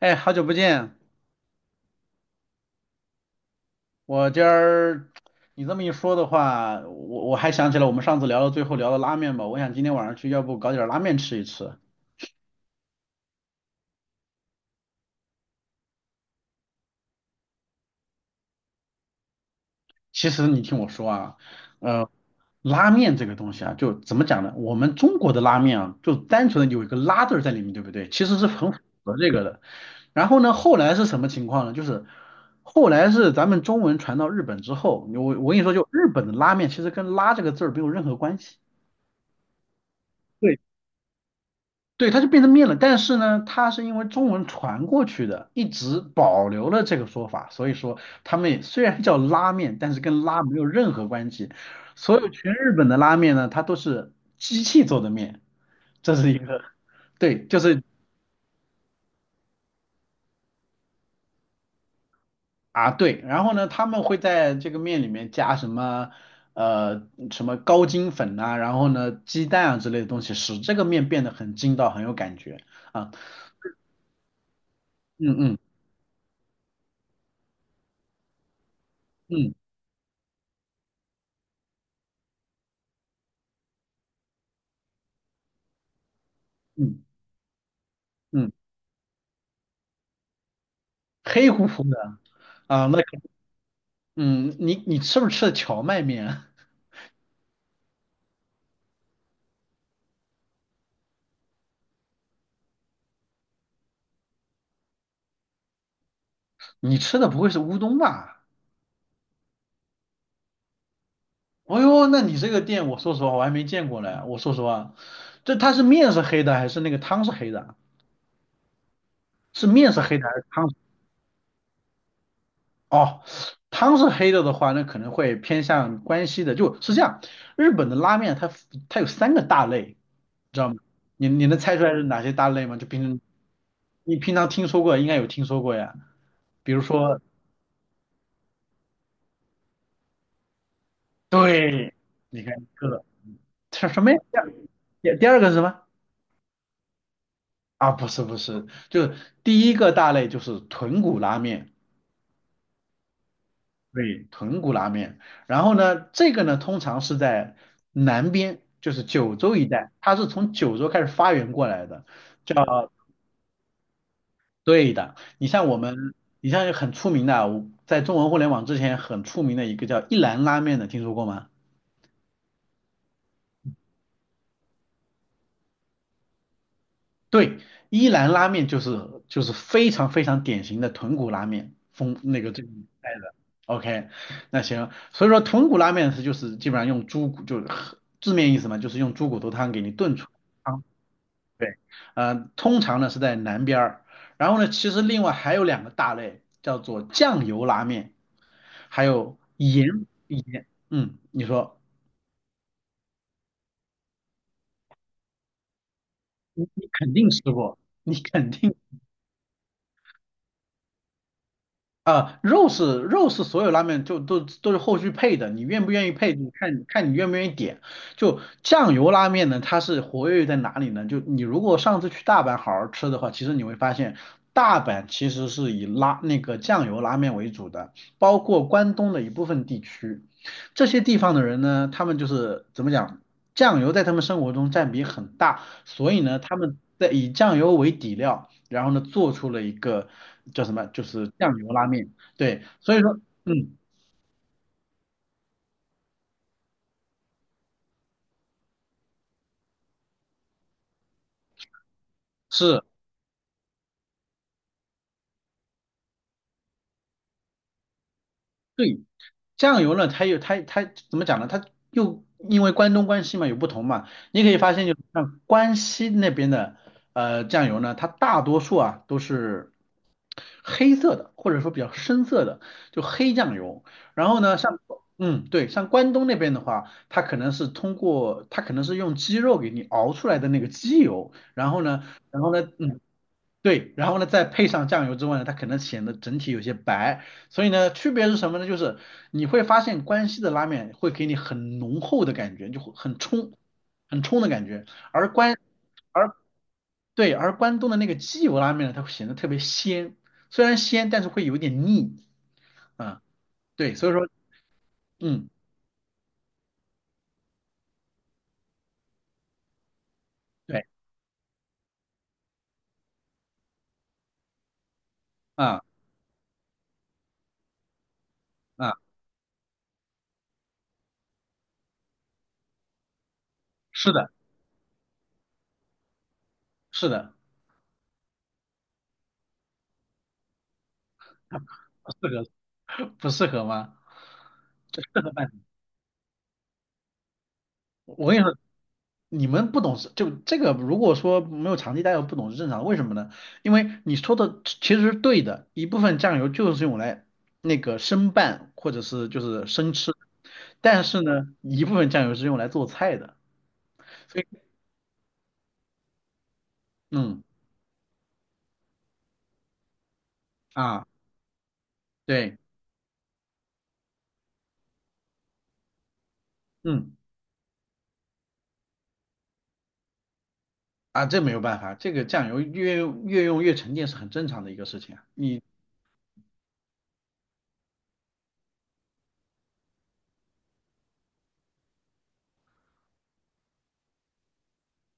哎，好久不见！我今儿你这么一说的话，我还想起来我们上次聊到最后聊到拉面吧。我想今天晚上去，要不搞点拉面吃一吃。其实你听我说啊，呃，拉面这个东西啊，就怎么讲呢？我们中国的拉面啊，就单纯的有一个拉字儿在里面，对不对？其实是很符合这个的。然后呢，后来是什么情况呢？就是后来是咱们中文传到日本之后，我跟你说，就日本的拉面其实跟拉这个字儿没有任何关系。对。对，它就变成面了。但是呢，它是因为中文传过去的，一直保留了这个说法，所以说他们也虽然叫拉面，但是跟拉没有任何关系。所有全日本的拉面呢，它都是机器做的面，这是一个对，就是啊对。然后呢，他们会在这个面里面加什么高筋粉呐、然后呢鸡蛋啊之类的东西，使这个面变得很筋道，很有感觉啊。嗯嗯嗯嗯嗯，黑乎乎的啊，嗯，你吃不吃的荞麦面啊？你吃的不会是乌冬吧？哦呦，那你这个店，我说实话我还没见过嘞。我说实话，它是面是黑的还是那个汤是黑的啊？是面是黑的还是汤是哦，汤是黑的的话，那可能会偏向关西的。就是这样，日本的拉面它有三个大类，知道吗？你能猜出来是哪些大类吗？就平时你平常听说过，应该有听说过呀。比如说，对，你看这个，这什么呀？第二个是什么？啊，不是不是，就是第一个大类就是豚骨拉面，对，豚骨拉面。然后呢，这个呢通常是在南边，就是九州一带，它是从九州开始发源过来的，叫对的。你像很出名的啊，在中文互联网之前很出名的一个叫一兰拉面的，听说过吗？对，伊兰拉面就是非常非常典型的豚骨拉面风那个这个带的。OK，那行，所以说豚骨拉面就是基本上用猪骨，就是字面意思嘛，就是用猪骨头汤给你炖出汤。对，通常呢是在南边儿，然后呢，其实另外还有两个大类，叫做酱油拉面，还有盐，嗯，你说你肯定吃过，你肯定。啊、肉是所有拉面就都是后续配的，你愿不愿意配，你看看你愿不愿意点。就酱油拉面呢，它是活跃在哪里呢？就你如果上次去大阪好好吃的话，其实你会发现，大阪其实是以拉那个酱油拉面为主的，包括关东的一部分地区。这些地方的人呢，他们就是怎么讲，酱油在他们生活中占比很大，所以呢，他们在以酱油为底料。然后呢，做出了一个叫什么，就是酱油拉面。对，所以说，嗯，是对酱油呢，它有它怎么讲呢？它又因为关东关西嘛有不同嘛，你可以发现就是像关西那边的酱油呢，它大多数啊都是黑色的，或者说比较深色的，就黑酱油。然后呢，像嗯，对，像关东那边的话，它可能是通过，它可能是用鸡肉给你熬出来的那个鸡油，然后呢，然后呢，嗯，对，然后呢再配上酱油之外呢，它可能显得整体有些白。所以呢，区别是什么呢？就是你会发现关西的拉面会给你很浓厚的感觉，就会很冲，很冲的感觉，而关。而。对，而关东的那个鸡油拉面呢，它会显得特别鲜，虽然鲜，但是会有一点腻。啊，对，所以说，嗯，对，啊啊，是的，是的，不适合，不适合吗？我跟你说，你们不懂是就这个，如果说没有长期待过，不懂是正常的。为什么呢？因为你说的其实是对的，一部分酱油就是用来那个生拌或者是就是生吃，但是呢，一部分酱油是用来做菜的。所以，嗯啊，对，嗯。啊，这没有办法，这个酱油越用越沉淀是很正常的一个事情啊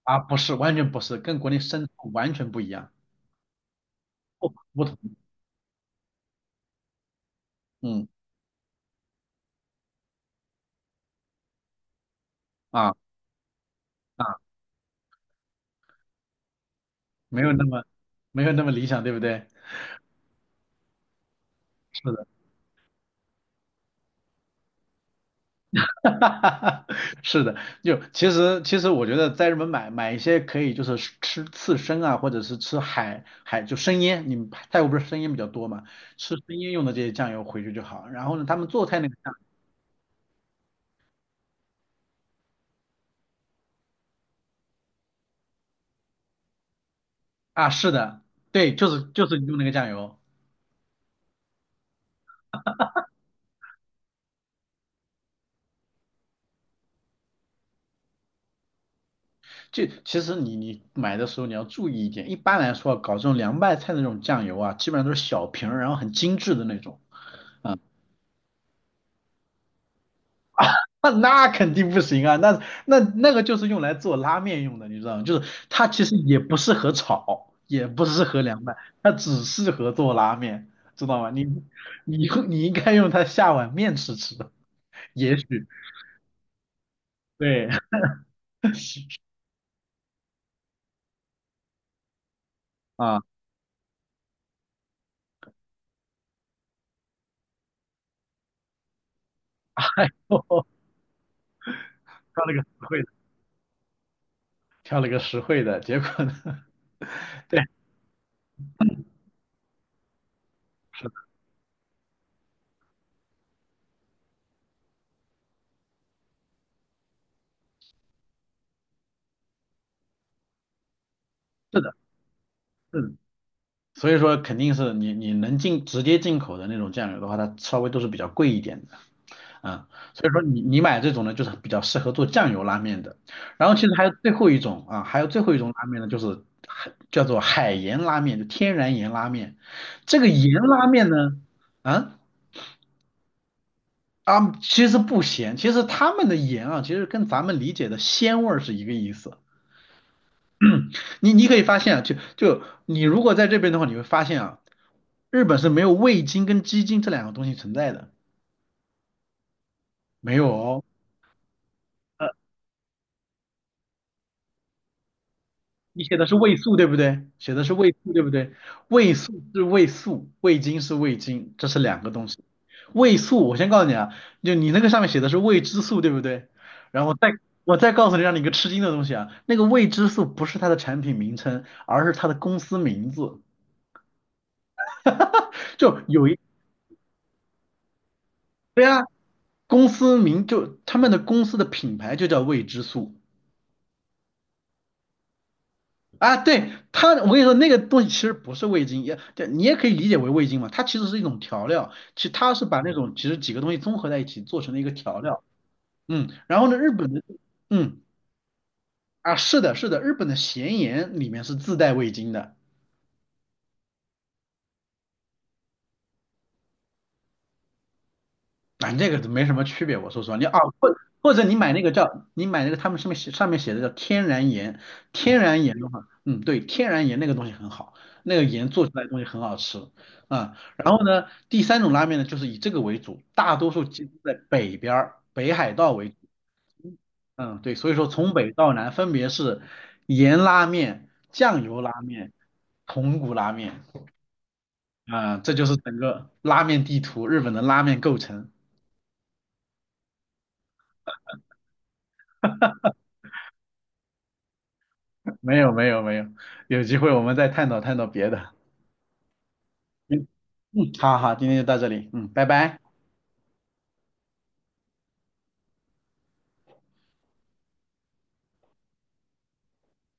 啊，不是，完全不是，跟国内生抽完全不一样，不同，嗯啊啊，没有那么没有那么理想，对不对？是的，哈哈哈是的，就其实其实我觉得在日本买一些可以就是吃刺身啊，或者是吃海就生腌，你们泰国不是生腌比较多嘛，吃生腌用的这些酱油回去就好。然后呢，他们做菜那个酱啊，是的，对，就是用那个酱油。就其实你你买的时候你要注意一点，一般来说啊搞这种凉拌菜的那种酱油啊，基本上都是小瓶儿，然后很精致的那种。那肯定不行啊，那个就是用来做拉面用的，你知道吗？就是它其实也不适合炒，也不适合凉拌，它只适合做拉面，知道吗？你你应该用它下碗面吃吃，也许对啊，哎呦挑了个实惠的，挑了个实惠的，结果呢？对，是的，是的，是的。所以说肯定是你能进直接进口的那种酱油的话，它稍微都是比较贵一点的，嗯，所以说你买这种呢，就是比较适合做酱油拉面的。然后其实还有最后一种啊，还有最后一种拉面呢，就是海叫做海盐拉面，就天然盐拉面。这个盐拉面呢，啊啊，其实不咸，其实他们的盐啊，其实跟咱们理解的鲜味儿是一个意思。你你可以发现啊，就你如果在这边的话，你会发现啊，日本是没有味精跟鸡精这两个东西存在的。没有哦，呃，你写的是味素对不对？写的是味素对不对？味素是味素，味精是味精，这是两个东西。味素，我先告诉你啊，就你那个上面写的是未知素对不对？然后再我再告诉你，让你一个吃惊的东西啊，那个未知素不是它的产品名称，而是它的公司名字。就有一，对啊，公司名就他们的公司的品牌就叫未知素。啊，对，它，我跟你说，那个东西其实不是味精，也对你也可以理解为味精嘛，它其实是一种调料，其实它是把那种其实几个东西综合在一起做成了一个调料，嗯，然后呢，日本的，嗯，啊，是的，是的，日本的咸盐里面是自带味精的。反正这个都没什么区别，我说实话，你啊，或者你买那个他们上面写的叫天然盐，天然盐的话，嗯，对，天然盐那个东西很好，那个盐做出来的东西很好吃啊。然后呢，第三种拉面呢，就是以这个为主，大多数集中在北边儿，北海道为主，嗯，对，所以说从北到南分别是盐拉面、酱油拉面、豚骨拉面啊，这就是整个拉面地图，日本的拉面构成。没有没有没有，有机会我们再探讨探讨别的。嗯，嗯，好好，今天就到这里，嗯，拜拜。